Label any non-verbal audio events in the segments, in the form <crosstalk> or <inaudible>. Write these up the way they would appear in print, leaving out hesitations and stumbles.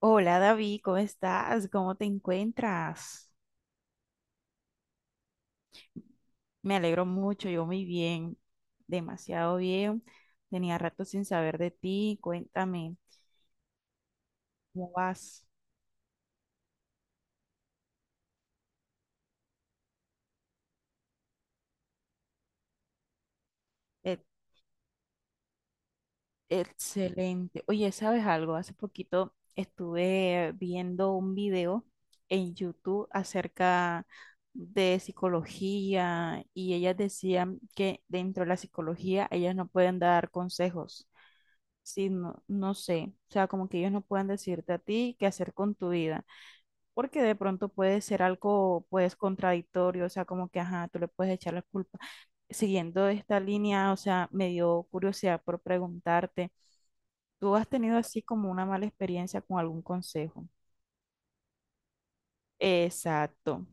Hola David, ¿cómo estás? ¿Cómo te encuentras? Me alegro mucho, yo muy bien, demasiado bien. Tenía rato sin saber de ti, cuéntame, ¿cómo vas? E- Excelente. Oye, ¿sabes algo? Hace poquito estuve viendo un video en YouTube acerca de psicología y ellas decían que dentro de la psicología ellas no pueden dar consejos. Sí, no, no sé, o sea, como que ellos no puedan decirte a ti qué hacer con tu vida, porque de pronto puede ser algo, pues, contradictorio, o sea, como que, ajá, tú le puedes echar la culpa. Siguiendo esta línea, o sea, me dio curiosidad por preguntarte, ¿tú has tenido así como una mala experiencia con algún consejo? Exacto.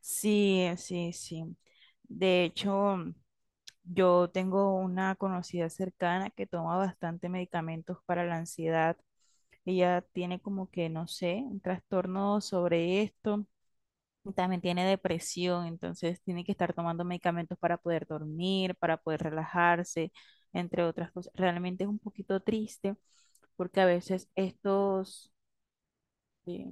Sí, sí, sí. De hecho, yo tengo una conocida cercana que toma bastante medicamentos para la ansiedad. Ella tiene como que, no sé, un trastorno sobre esto. También tiene depresión, entonces tiene que estar tomando medicamentos para poder dormir, para poder relajarse, entre otras cosas. Realmente es un poquito triste porque a veces estos, eh,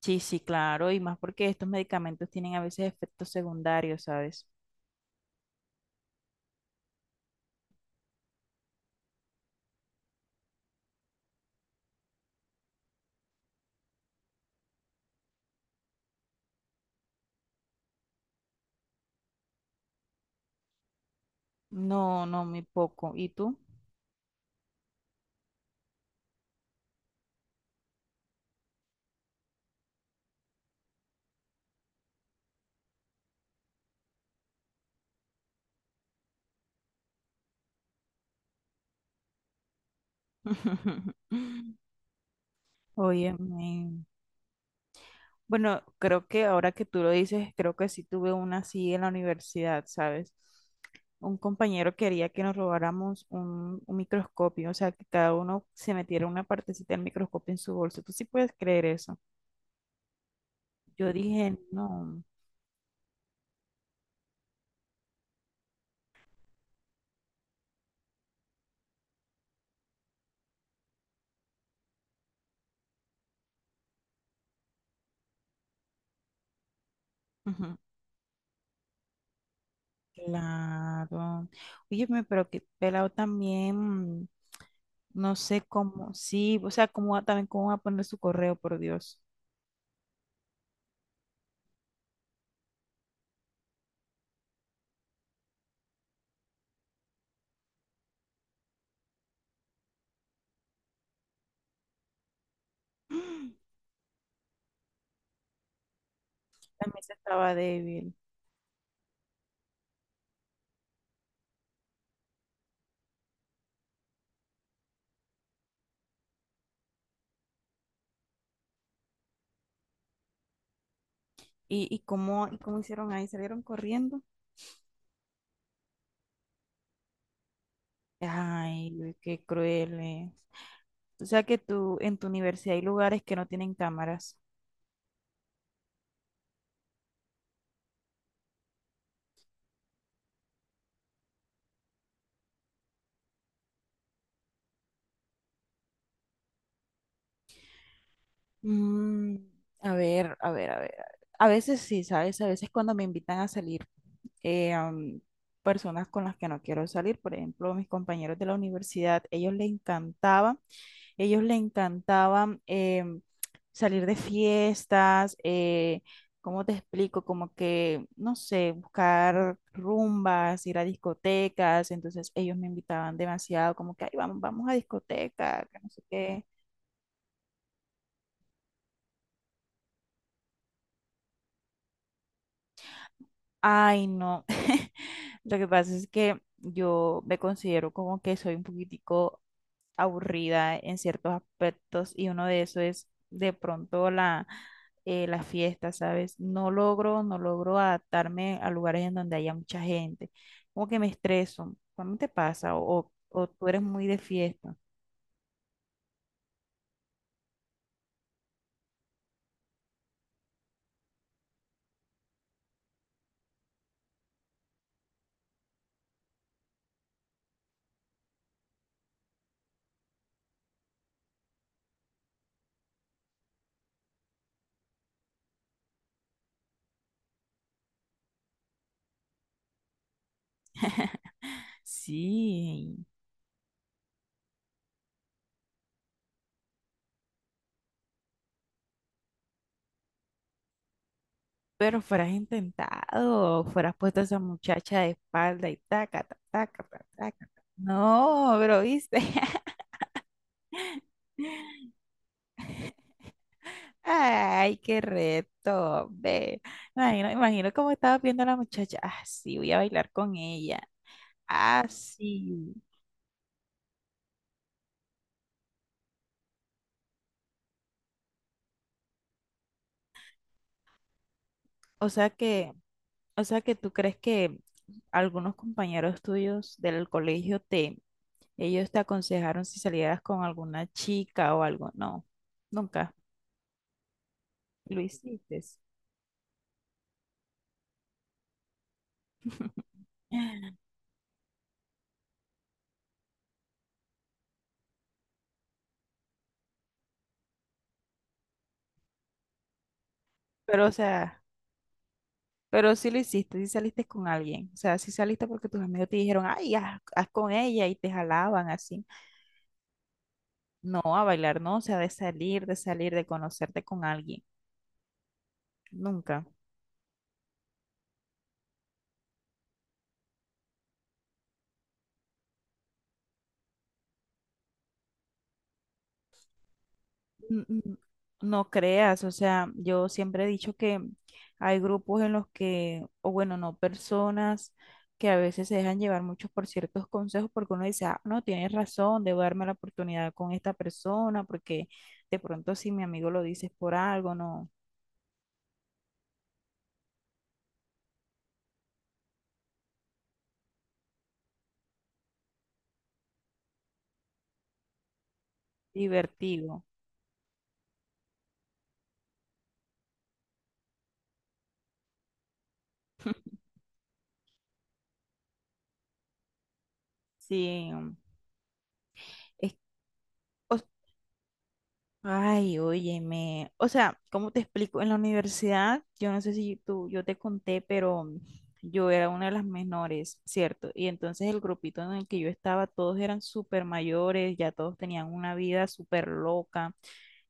sí, sí, claro, y más porque estos medicamentos tienen a veces efectos secundarios, ¿sabes? No, no, muy poco. ¿Y tú? <laughs> Oye, men, bueno, creo que ahora que tú lo dices, creo que sí tuve una así en la universidad, ¿sabes? Un compañero quería que nos robáramos un microscopio, o sea, que cada uno se metiera una partecita del microscopio en su bolso. ¿Tú sí puedes creer eso? Yo dije, no. Ujú. Claro. Oye, pero que pelado también, no sé cómo, sí, o sea, también cómo va a poner su correo, por Dios. También se estaba débil. Y cómo hicieron ahí? ¿Salieron corriendo? Ay, uy, qué crueles. O sea que tú, en tu universidad hay lugares que no tienen cámaras. Mm, a ver, a ver, a ver. A veces sí, ¿sabes? A veces cuando me invitan a salir, eh, am, personas con las que no quiero salir, por ejemplo, mis compañeros de la universidad, ellos les encantaba, ellos le encantaban salir de fiestas, ¿cómo te explico? Como que, no sé, buscar rumbas, ir a discotecas, entonces ellos me invitaban demasiado, como que, ay, vamos, vamos a discoteca, que no sé qué. Ay, no. <laughs> Lo que pasa es que yo me considero como que soy un poquitico aburrida en ciertos aspectos y uno de eso es de pronto la fiesta, ¿sabes? No logro, no logro adaptarme a lugares en donde haya mucha gente. Como que me estreso. ¿Cómo te pasa? ¿O, o tú eres muy de fiesta? Sí, pero fueras intentado, fueras puesto a esa muchacha de espalda y taca, taca, taca, taca. No, pero viste. <laughs> Ay, qué reto, ve. Imagino, imagino cómo estaba viendo a la muchacha. Ah, sí, voy a bailar con ella. Ah, sí. O sea que, o sea que tú crees que algunos compañeros tuyos del colegio te, ellos te aconsejaron si salieras con alguna chica o algo. No, nunca lo hiciste. <laughs> Pero, o sea, pero sí lo hiciste, sí saliste con alguien. O sea, sí saliste porque tus amigos te dijeron, ay, haz, haz con ella y te jalaban así. No, a bailar no, o sea, de salir, de salir, de conocerte con alguien. Nunca. N- n- No creas, o sea, yo siempre he dicho que hay grupos en los que, o bueno, no, personas que a veces se dejan llevar muchos por ciertos consejos porque uno dice, ah, no, tienes razón, debo darme la oportunidad con esta persona porque de pronto si mi amigo lo dice es por algo, no, divertido. Sí, es, o Ay, óyeme. O sea, ¿cómo te explico? En la universidad, yo no sé si tú, yo te conté, pero yo era una de las menores, ¿cierto? Y entonces el grupito en el que yo estaba, todos eran súper mayores, ya todos tenían una vida súper loca.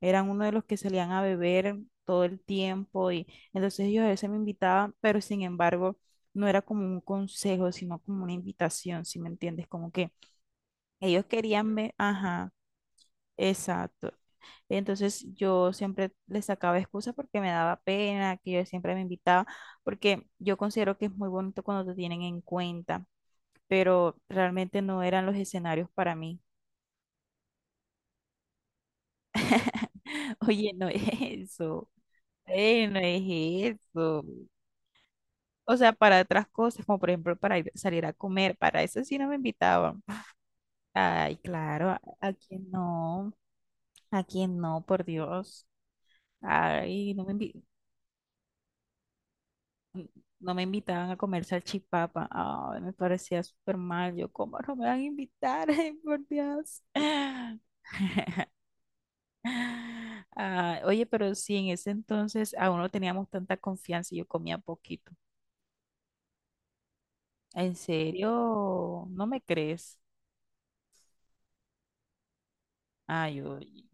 Eran uno de los que salían a beber todo el tiempo y entonces ellos a veces me invitaban, pero sin embargo, no era como un consejo, sino como una invitación, ¿si me entiendes? Como que ellos querían ver, ajá, exacto. Entonces yo siempre le sacaba excusas porque me daba pena, que yo siempre me invitaba, porque yo considero que es muy bonito cuando te tienen en cuenta, pero realmente no eran los escenarios para mí. <laughs> Oye, no es eso, no es eso. O sea, para otras cosas, como por ejemplo para salir a comer, para eso sí no me invitaban. Ay, claro, a quién no, por Dios. Ay, no me invitaban. No me invitaban a comer salchipapa. Ay, me parecía súper mal. Yo, ¿cómo no me van a invitar? <laughs> Ay, por Dios. <laughs> Ah, oye, pero sí, en ese entonces aún no teníamos tanta confianza y yo comía poquito. ¿En serio? ¿No me crees? Ay, oye,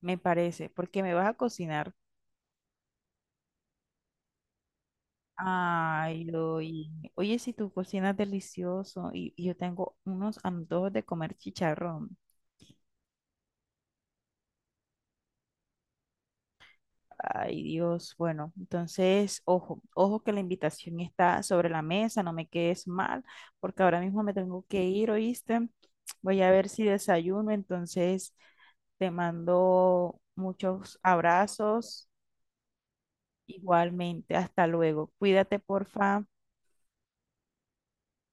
me parece, porque me vas a cocinar. Ay, oye, oye, si tú cocinas delicioso y yo tengo unos antojos de comer chicharrón. Ay, Dios. Bueno, entonces, ojo, ojo que la invitación está sobre la mesa, no me quedes mal, porque ahora mismo me tengo que ir, ¿oíste? Voy a ver si desayuno, entonces te mando muchos abrazos igualmente. Hasta luego. Cuídate, porfa.